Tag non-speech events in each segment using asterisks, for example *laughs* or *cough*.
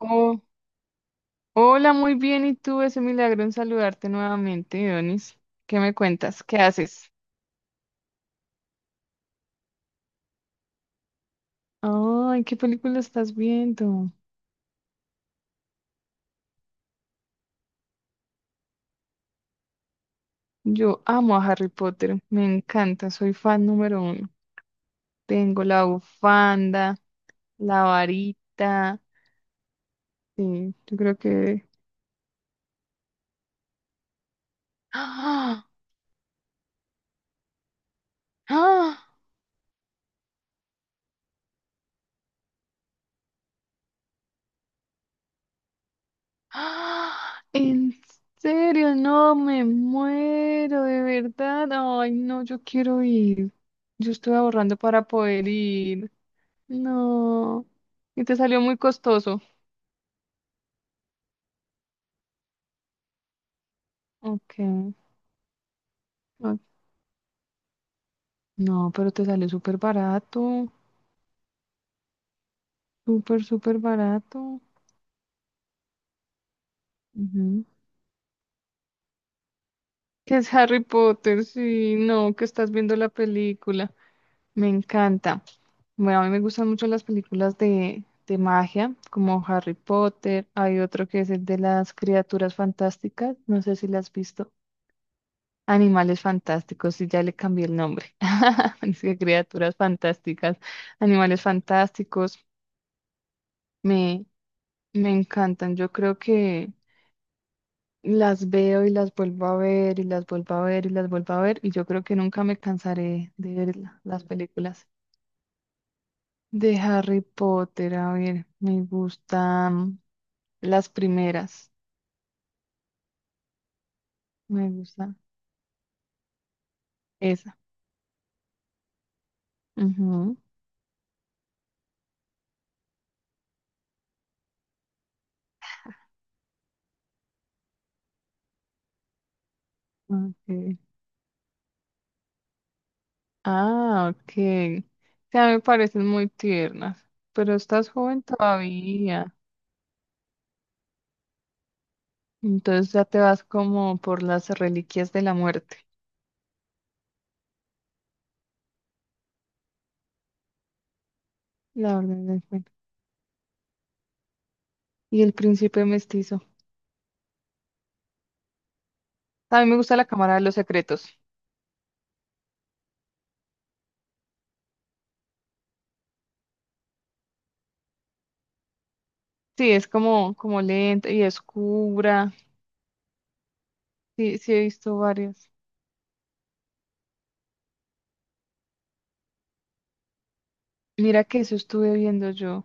Oh, hola, muy bien. ¿Y tú? Es un milagro en saludarte nuevamente, Donis. ¿Qué me cuentas? ¿Qué haces? Ay, ¿qué película estás viendo? Yo amo a Harry Potter. Me encanta. Soy fan número uno. Tengo la bufanda, la varita. Sí, yo creo que... *gasps* ¡Ah! ¡Ah! ¡Ah! ¿En serio? No, me muero, de verdad. Ay, no, yo quiero ir. Yo estoy ahorrando para poder ir. No. Y te salió muy costoso. Ok, ok. No, pero te salió súper barato. Súper, súper barato. Ujú. Que es Harry Potter, sí, no, que estás viendo la película. Me encanta. Bueno, a mí me gustan mucho las películas de magia, como Harry Potter. Hay otro que es el de las criaturas fantásticas. No sé si las has visto. Animales fantásticos, y ya le cambié el nombre. *laughs* Es que criaturas fantásticas, animales fantásticos, me, me encantan. Yo creo que las veo y las vuelvo a ver y las vuelvo a ver y las vuelvo a ver y yo creo que nunca me cansaré de ver las películas de Harry Potter. A ver, me gustan las primeras, me gusta esa. Ujú, ok. Ah, ok. O sea, me parecen muy tiernas, pero estás joven todavía. Entonces ya te vas como por las reliquias de la muerte, la Orden del Fénix. Y el príncipe mestizo. También me gusta la Cámara de los Secretos. Sí, es como, como lenta y oscura. Sí, sí he visto varias. Mira que eso estuve viendo yo.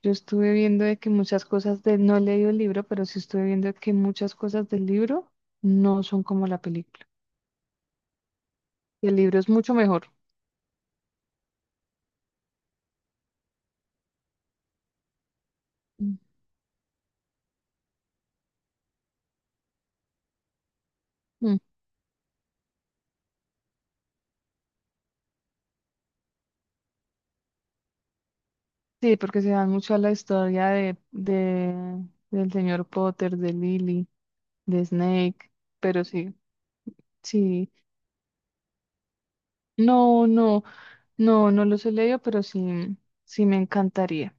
Yo estuve viendo de que muchas cosas no he leído el libro, pero sí estuve viendo que muchas cosas del libro no son como la película. El libro es mucho mejor. Mm, sí, porque se dan mucho a la historia del señor Potter, de Lily, de Snake, pero sí, sí, no, no, no, no los he leído, pero sí, sí me encantaría.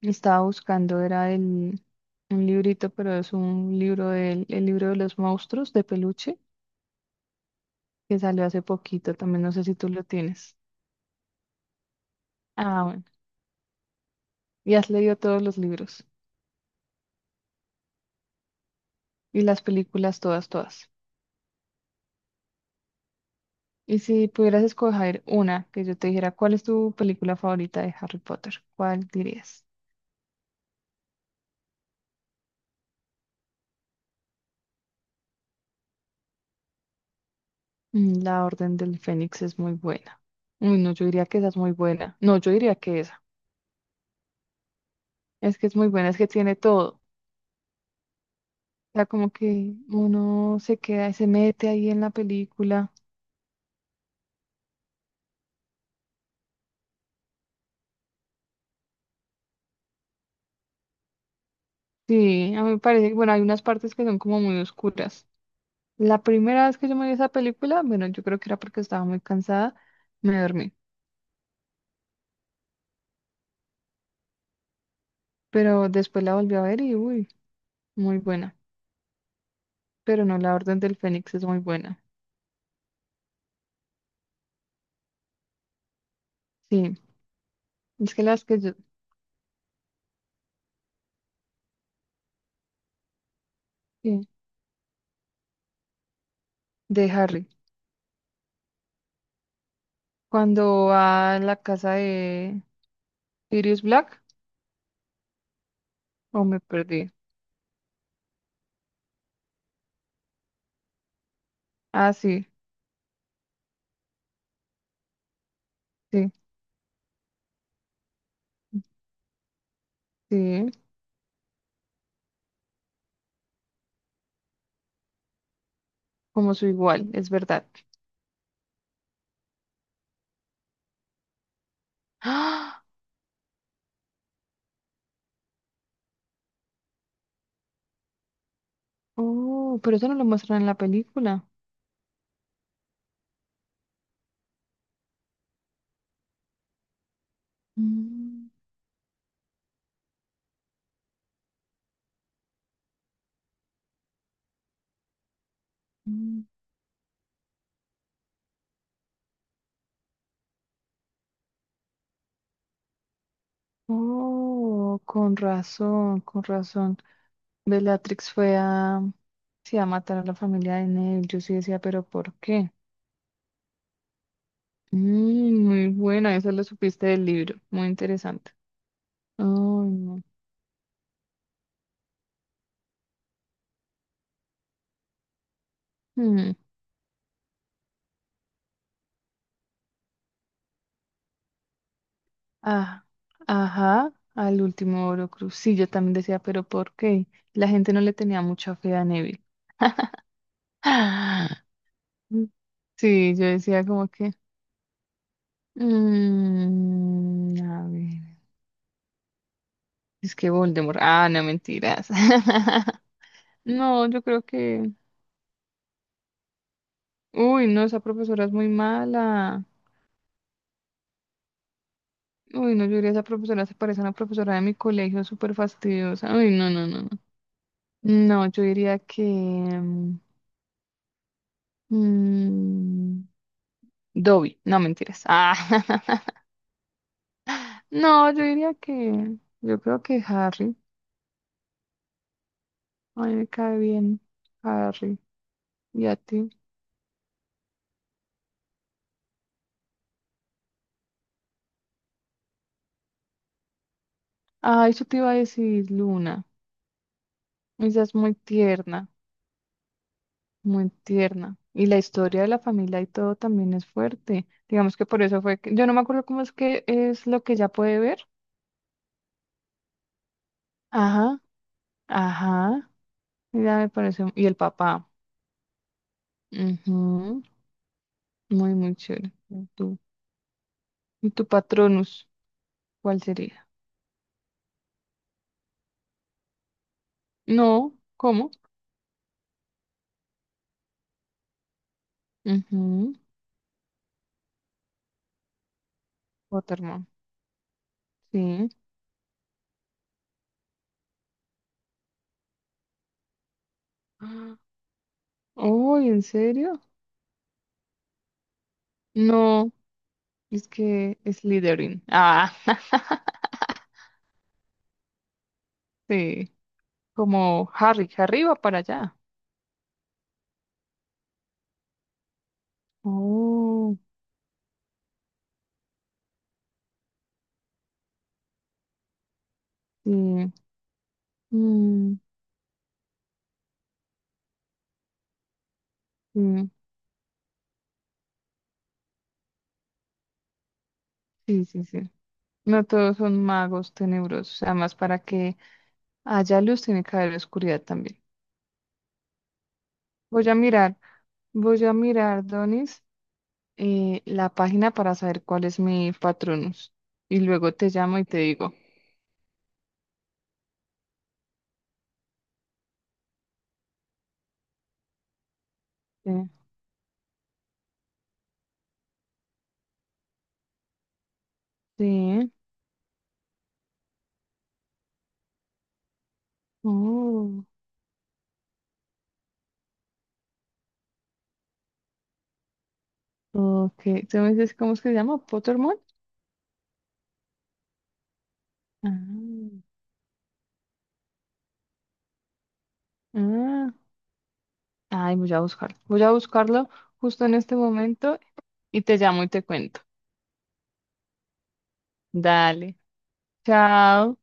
Estaba buscando, era un librito, pero es un libro el libro de los monstruos de peluche, que salió hace poquito, también no sé si tú lo tienes. Ah, bueno, y has leído todos los libros y las películas, todas, todas. Y si pudieras escoger una, que yo te dijera, ¿cuál es tu película favorita de Harry Potter? ¿Cuál dirías? Mm, La Orden del Fénix es muy buena. Uy, no, yo diría que esa es muy buena. No, yo diría que esa. Es que es muy buena, es que tiene todo. O sea, como que uno se queda y se mete ahí en la película. Sí, a mí me parece que, bueno, hay unas partes que son como muy oscuras. La primera vez que yo me vi esa película, bueno, yo creo que era porque estaba muy cansada, me dormí. Pero después la volví a ver y, uy, muy buena. Pero no, la Orden del Fénix es muy buena. Sí, es que las que yo, sí, de Harry, cuando va a la casa de Sirius Black, o me perdí. Ah, sí, sí, sí, como su igual, es verdad. ¡Ah! Oh, pero eso no lo muestran en la película. Mm, mm. Oh, con razón, con razón. Bellatrix fue a, sí, a matar a la familia de Neville. Yo sí decía, pero ¿por qué? Mm, muy buena, esa lo supiste del libro. Muy interesante. Ay, no. Mm, ah, ajá, al último Orocruz. Sí, yo también decía, pero ¿por qué? La gente no le tenía mucha fe a Neville. *gasps* Ah, mm, sí, yo decía como que. Mm, a ver. Es que Voldemort. Ah, no, mentiras. *laughs* No, yo creo que. Uy, no, esa profesora es muy mala. Uy, no, yo diría esa profesora se parece a una profesora de mi colegio, súper fastidiosa. Uy, no, no, no, no. No, yo diría que... mm, Dobby, no mentiras. Ah, *laughs* no, yo diría que... Yo creo que Harry. A mí me cae bien Harry. ¿Y a ti? Ah, eso te iba a decir, Luna. Ella es muy tierna, muy tierna. Y la historia de la familia y todo también es fuerte. Digamos que por eso fue que... Yo no me acuerdo cómo es que es lo que ella puede ver. Ajá, ajá. Ella me parece... Y el papá. Ujú. Muy, muy chévere. ¿Y tu patronus? ¿Cuál sería? No, ¿cómo? Ujú, Waterman. Sí. Ah, oh, ¿en serio? No, es que es Slytherin. Ah, sí. Como Harry, Harry va para allá. Oh, sí. Mm, sí, sí, sí, sí. No todos son magos tenebrosos. Además, para que haya luz tiene que haber oscuridad también. Voy a mirar, voy a mirar, Donis, la página para saber cuál es mi patronus. Y luego te llamo y te digo. Sí. Sí. Oh, ok. ¿Tú me dices cómo es que se llama? ¿Pottermore? Ah, ah. Ay, voy a buscarlo. Voy a buscarlo justo en este momento y te llamo y te cuento. Dale. Chao.